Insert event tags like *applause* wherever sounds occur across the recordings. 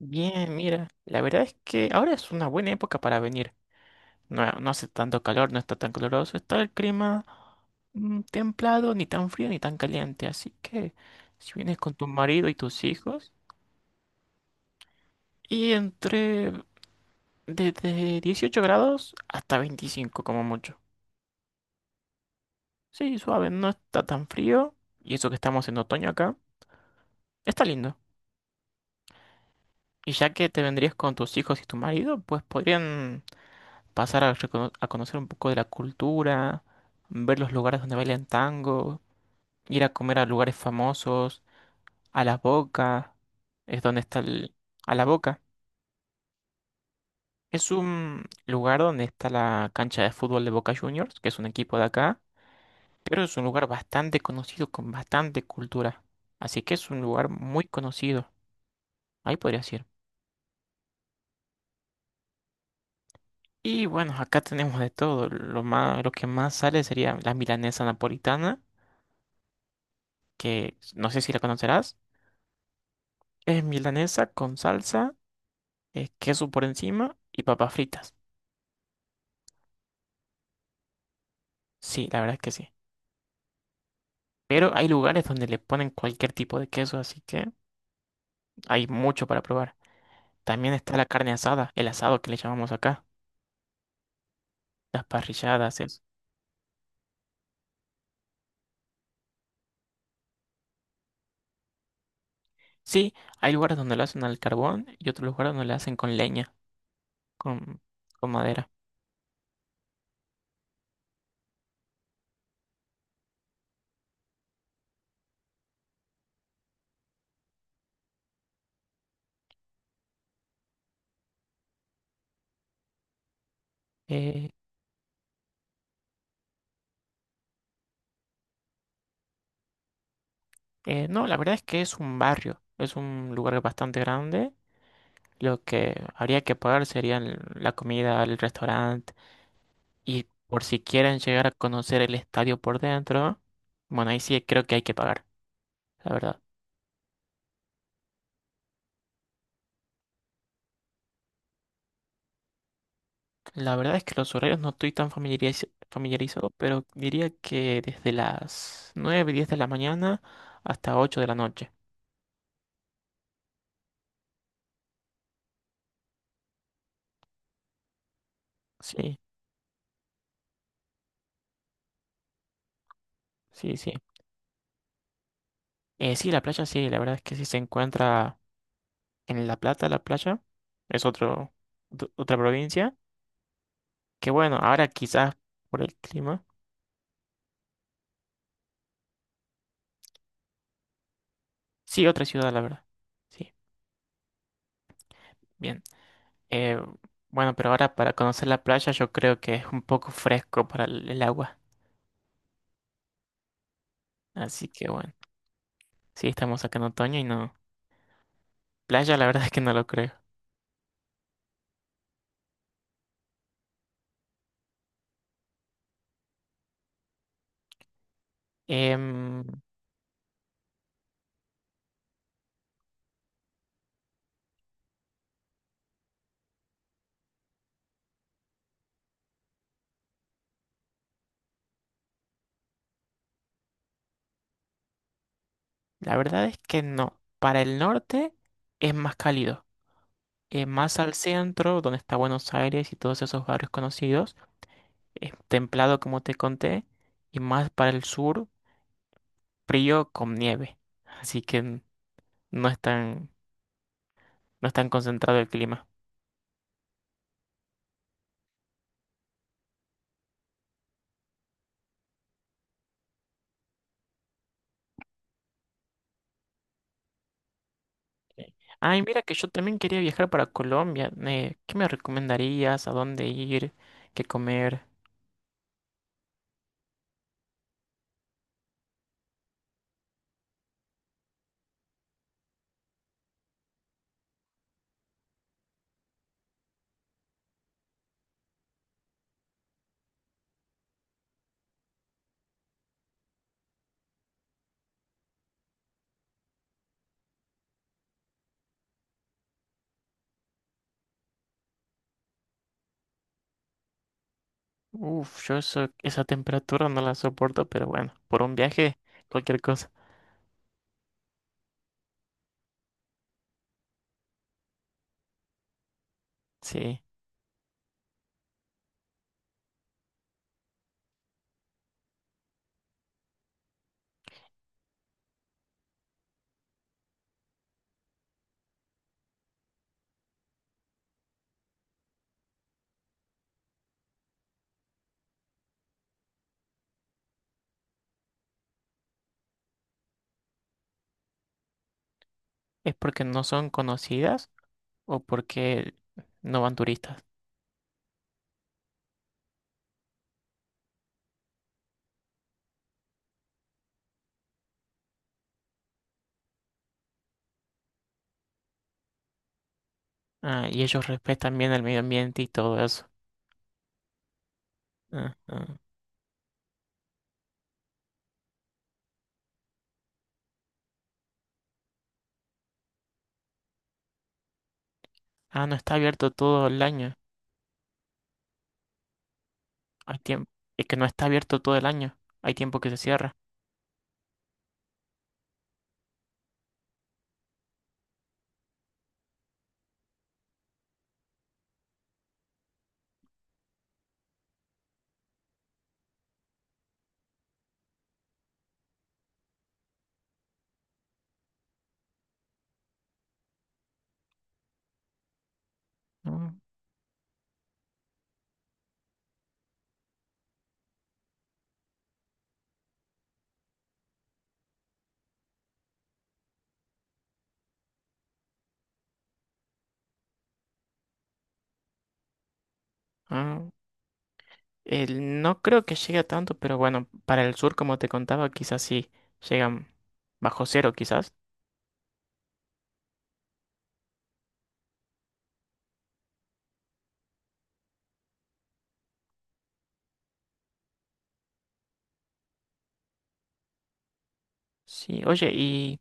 Bien, mira, la verdad es que ahora es una buena época para venir. No, no hace tanto calor, no está tan caluroso, está el clima templado, ni tan frío ni tan caliente. Así que si vienes con tu marido y tus hijos, y entre desde 18 grados hasta 25 como mucho. Sí, suave, no está tan frío, y eso que estamos en otoño acá, está lindo. Y ya que te vendrías con tus hijos y tu marido, pues podrían pasar a, a conocer un poco de la cultura, ver los lugares donde bailan tango, ir a comer a lugares famosos, a La Boca, es donde está el... A La Boca. Es un lugar donde está la cancha de fútbol de Boca Juniors, que es un equipo de acá, pero es un lugar bastante conocido con bastante cultura. Así que es un lugar muy conocido. Ahí podrías ir. Y bueno, acá tenemos de todo. Lo más, lo que más sale sería la milanesa napolitana, que no sé si la conocerás. Es milanesa con salsa, queso por encima y papas fritas. Sí, la verdad es que sí. Pero hay lugares donde le ponen cualquier tipo de queso, así que hay mucho para probar. También está la carne asada, el asado que le llamamos acá, las parrilladas, eso. Sí, hay lugares donde lo hacen al carbón y otros lugares donde lo hacen con leña, con, con madera. Eh, no, la verdad es que es un barrio, es un lugar bastante grande. Lo que habría que pagar sería la comida, el restaurante. Y por si quieren llegar a conocer el estadio por dentro, bueno, ahí sí creo que hay que pagar, la verdad. La verdad es que los horarios no estoy tan familiarizado, pero diría que desde las 9 10 de la mañana hasta 8 de la noche. Sí, sí, sí. Sí, la playa sí, la verdad es que sí se encuentra en La Plata, la playa. Es otro, otra provincia. Que bueno, ahora quizás por el clima. Sí, otra ciudad, la verdad. Sí, bien. Eh, bueno, pero ahora para conocer la playa yo creo que es un poco fresco para el agua. Así que bueno, sí, estamos acá en otoño y no. Playa la verdad es que no lo creo. Em, la verdad es que no. Para el norte es más cálido. Más al centro, donde está Buenos Aires y todos esos barrios conocidos, es templado como te conté. Y más para el sur, frío con nieve. Así que no es tan, no es tan concentrado el clima. Ay, mira que yo también quería viajar para Colombia. Eh, ¿qué me recomendarías? ¿A dónde ir? ¿Qué comer? Uf, yo eso, esa temperatura no la soporto, pero bueno, por un viaje, cualquier cosa. Sí. ¿Es porque no son conocidas o porque no van turistas? Ah, y ellos respetan bien el medio ambiente y todo eso. Ah, ah. Ah, no está abierto todo el año. Hay tiempo. Es que no está abierto todo el año. Hay tiempo que se cierra. Ah, ah. El- no creo que llegue a tanto, pero bueno, para el sur, como te contaba, quizás sí llegan bajo cero, quizás. Sí, oye, ¿y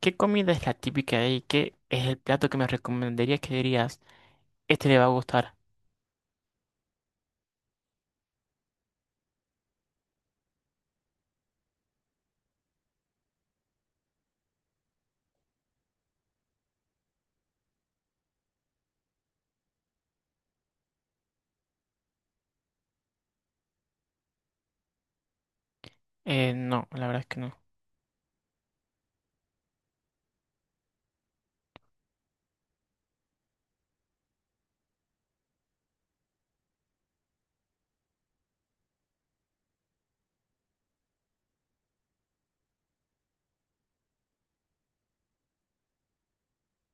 qué comida es la típica de ahí? ¿Qué es el plato que me recomendarías que dirías, este le va a gustar? No, la verdad es que no.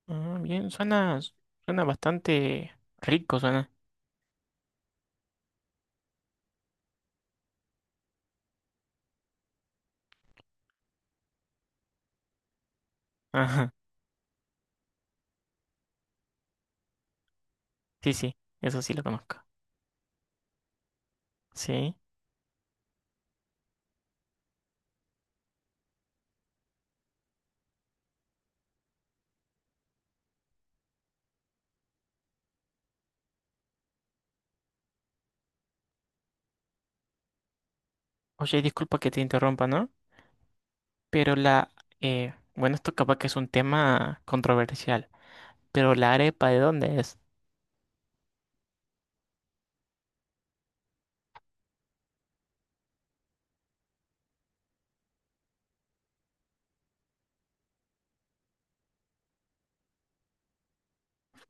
Ah, bien, suena, suena bastante rico, suena. *laughs* Ajá, sí, sí, eso sí lo conozco. Sí. Oye, disculpa que te interrumpa, ¿no? Pero la, bueno, esto capaz que es un tema controversial, pero la arepa, ¿de dónde es?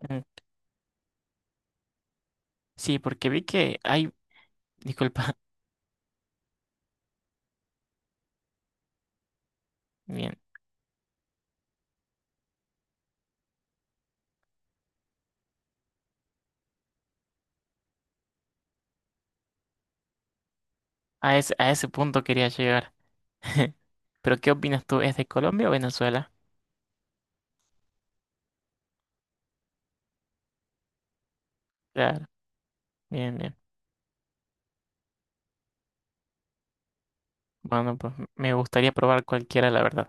Mm. Sí, porque vi que hay, disculpa, *laughs* bien, a ese punto quería llegar. *laughs* Pero ¿qué opinas tú? ¿Es de Colombia o Venezuela? Claro, bien, bien. Bueno, pues me gustaría probar cualquiera, la verdad.